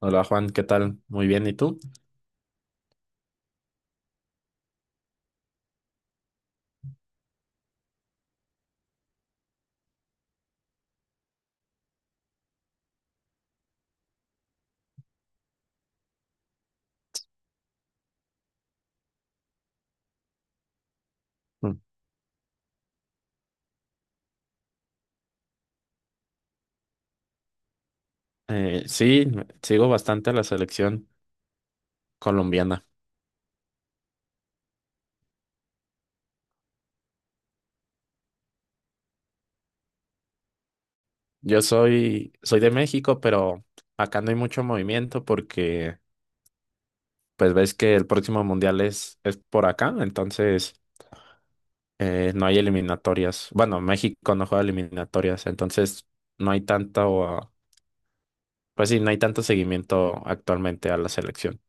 Hola Juan, ¿qué tal? Muy bien, ¿y tú? Mm. Sí, sigo bastante a la selección colombiana. Yo soy de México, pero acá no hay mucho movimiento porque pues ves que el próximo mundial es por acá, entonces no hay eliminatorias. Bueno, México no juega eliminatorias, entonces no hay tanto, ah, pues sí, no hay tanto seguimiento actualmente a la selección.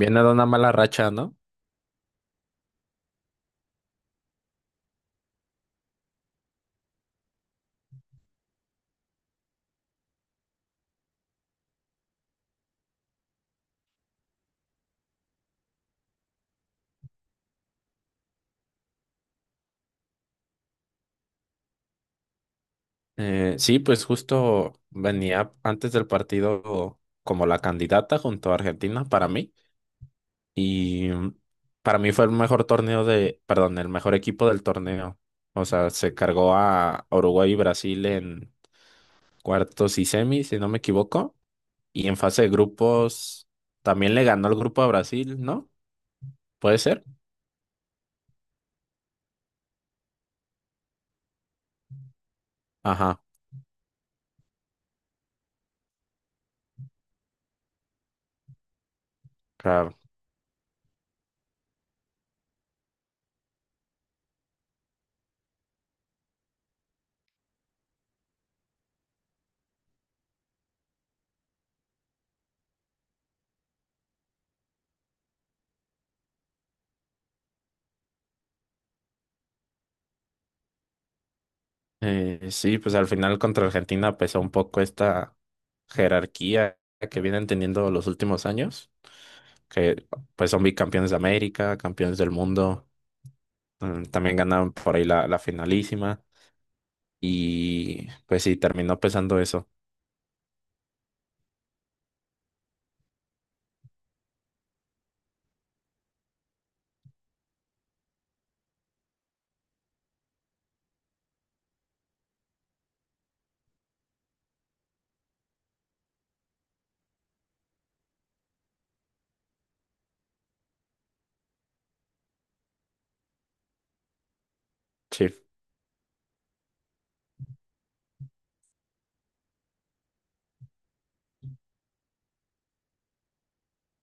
Viene de una mala racha, ¿no? Sí, pues justo venía antes del partido como la candidata junto a Argentina para mí y para mí fue el mejor torneo perdón, el mejor equipo del torneo. O sea, se cargó a Uruguay y Brasil en cuartos y semis, si no me equivoco, y en fase de grupos también le ganó el grupo a Brasil, ¿no? ¿Puede ser? Ajá. Claro. Sí, pues al final contra Argentina pesó un poco esta jerarquía que vienen teniendo los últimos años, que pues son bicampeones de América, campeones del mundo, también ganaron por ahí la finalísima y pues sí, terminó pesando eso. Sí.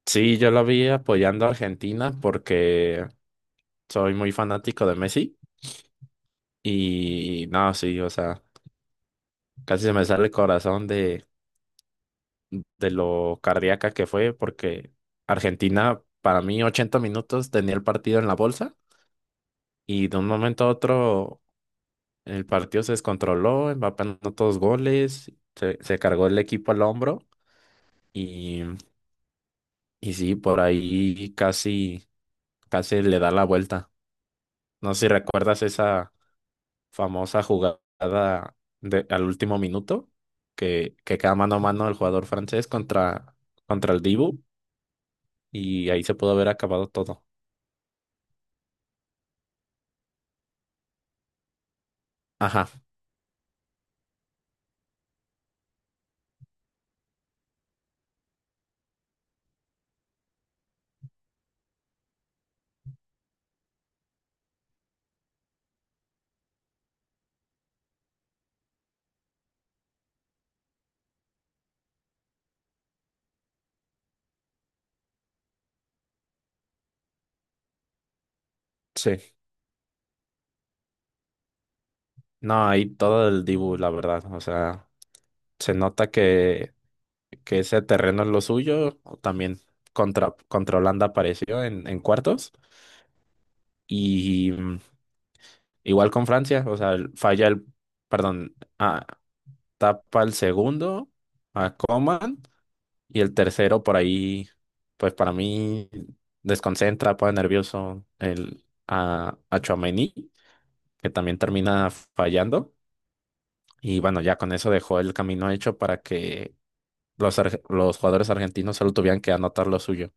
Sí, yo lo vi apoyando a Argentina porque soy muy fanático de Messi y no, sí, o sea, casi se me sale el corazón de lo cardíaca que fue, porque Argentina, para mí, 80 minutos tenía el partido en la bolsa y de un momento a otro el partido se descontroló, Mbappé anotó dos goles, se cargó el equipo al hombro y, y sí, por ahí casi, casi le da la vuelta. No sé si recuerdas esa famosa jugada al último minuto que queda mano a mano el jugador francés contra el Dibu y ahí se pudo haber acabado todo. Ajá. Sí, no, ahí todo el Dibu, la verdad. O sea, se nota que ese terreno es lo suyo. También contra Holanda apareció en cuartos. Y igual con Francia, o sea, falla el, perdón, ah, tapa el segundo a Coman y el tercero por ahí, pues para mí desconcentra, pone nervioso a Tchouaméni, que también termina fallando. Y bueno, ya con eso dejó el camino hecho para que los jugadores argentinos solo tuvieran que anotar lo suyo.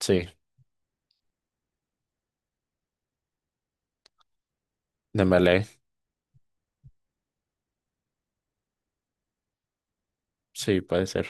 Sí, Dembélé, sí, puede ser.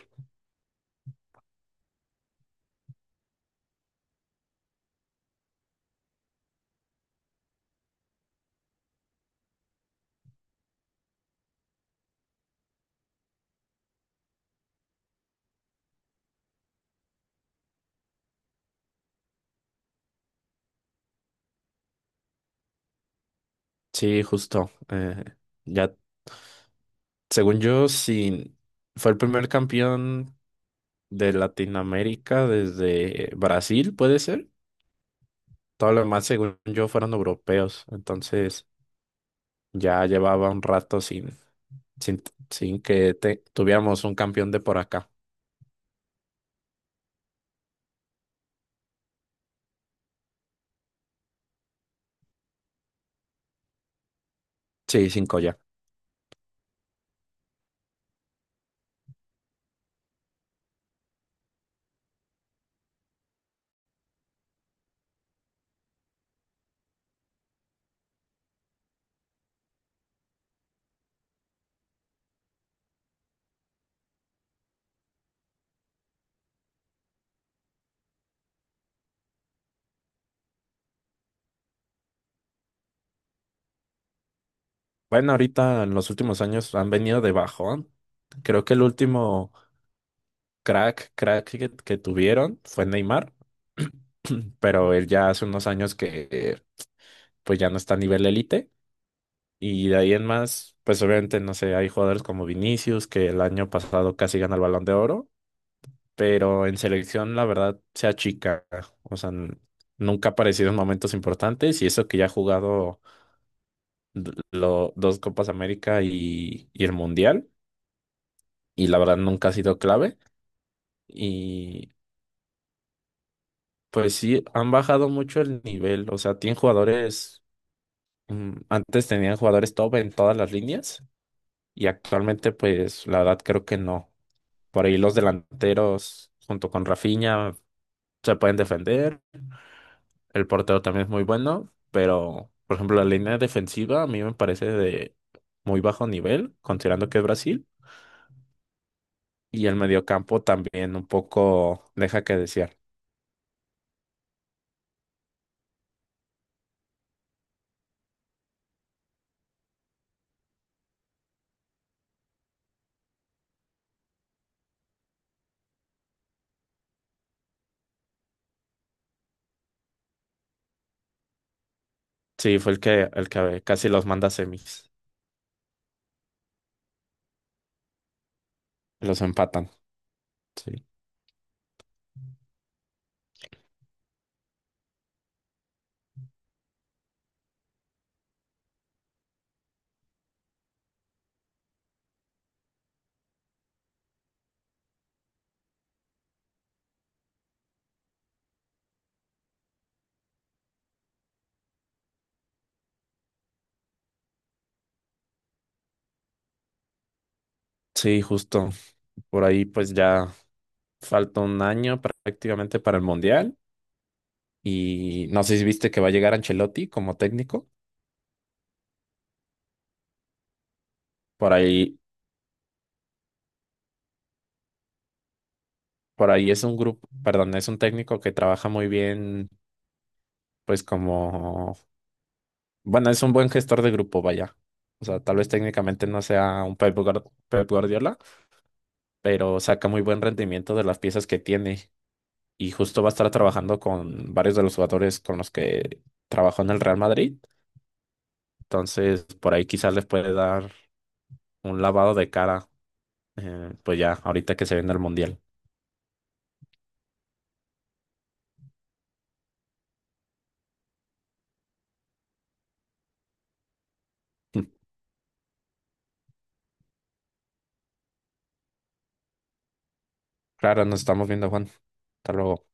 Sí, justo. Ya, según yo, sí, fue el primer campeón de Latinoamérica desde Brasil, puede ser. Todo lo demás, según yo, fueron europeos. Entonces, ya llevaba un rato sin, sin, tuviéramos un campeón de por acá. Sí, cinco ya. Bueno, ahorita en los últimos años han venido de bajón. Creo que el último crack que tuvieron fue Neymar, pero él ya hace unos años que pues ya no está a nivel élite. Y de ahí en más, pues obviamente, no sé, hay jugadores como Vinicius, que el año pasado casi gana el Balón de Oro, pero en selección la verdad se achica. O sea, nunca ha aparecido en momentos importantes y eso que ya ha jugado dos Copas América y el Mundial. Y la verdad nunca ha sido clave. Y pues sí, han bajado mucho el nivel. O sea, tienen jugadores, antes tenían jugadores top en todas las líneas y actualmente pues la verdad creo que no. Por ahí los delanteros junto con Rafinha se pueden defender. El portero también es muy bueno, pero por ejemplo la línea defensiva a mí me parece de muy bajo nivel, considerando que es Brasil. Y el mediocampo también un poco deja que desear. Sí, fue el que, casi los manda a semis. Los empatan. Sí. Sí, justo. Por ahí pues ya falta un año prácticamente para el Mundial. Y no sé si viste que va a llegar Ancelotti como técnico. Por ahí, por ahí, es un grupo, perdón, es un técnico que trabaja muy bien, pues como, bueno, es un buen gestor de grupo, vaya. O sea, tal vez técnicamente no sea un Pep Guardiola, pero saca muy buen rendimiento de las piezas que tiene. Y justo va a estar trabajando con varios de los jugadores con los que trabajó en el Real Madrid. Entonces, por ahí quizás les puede dar un lavado de cara, pues ya, ahorita que se viene el Mundial. Claro, nos estamos viendo, Juan. Hasta luego.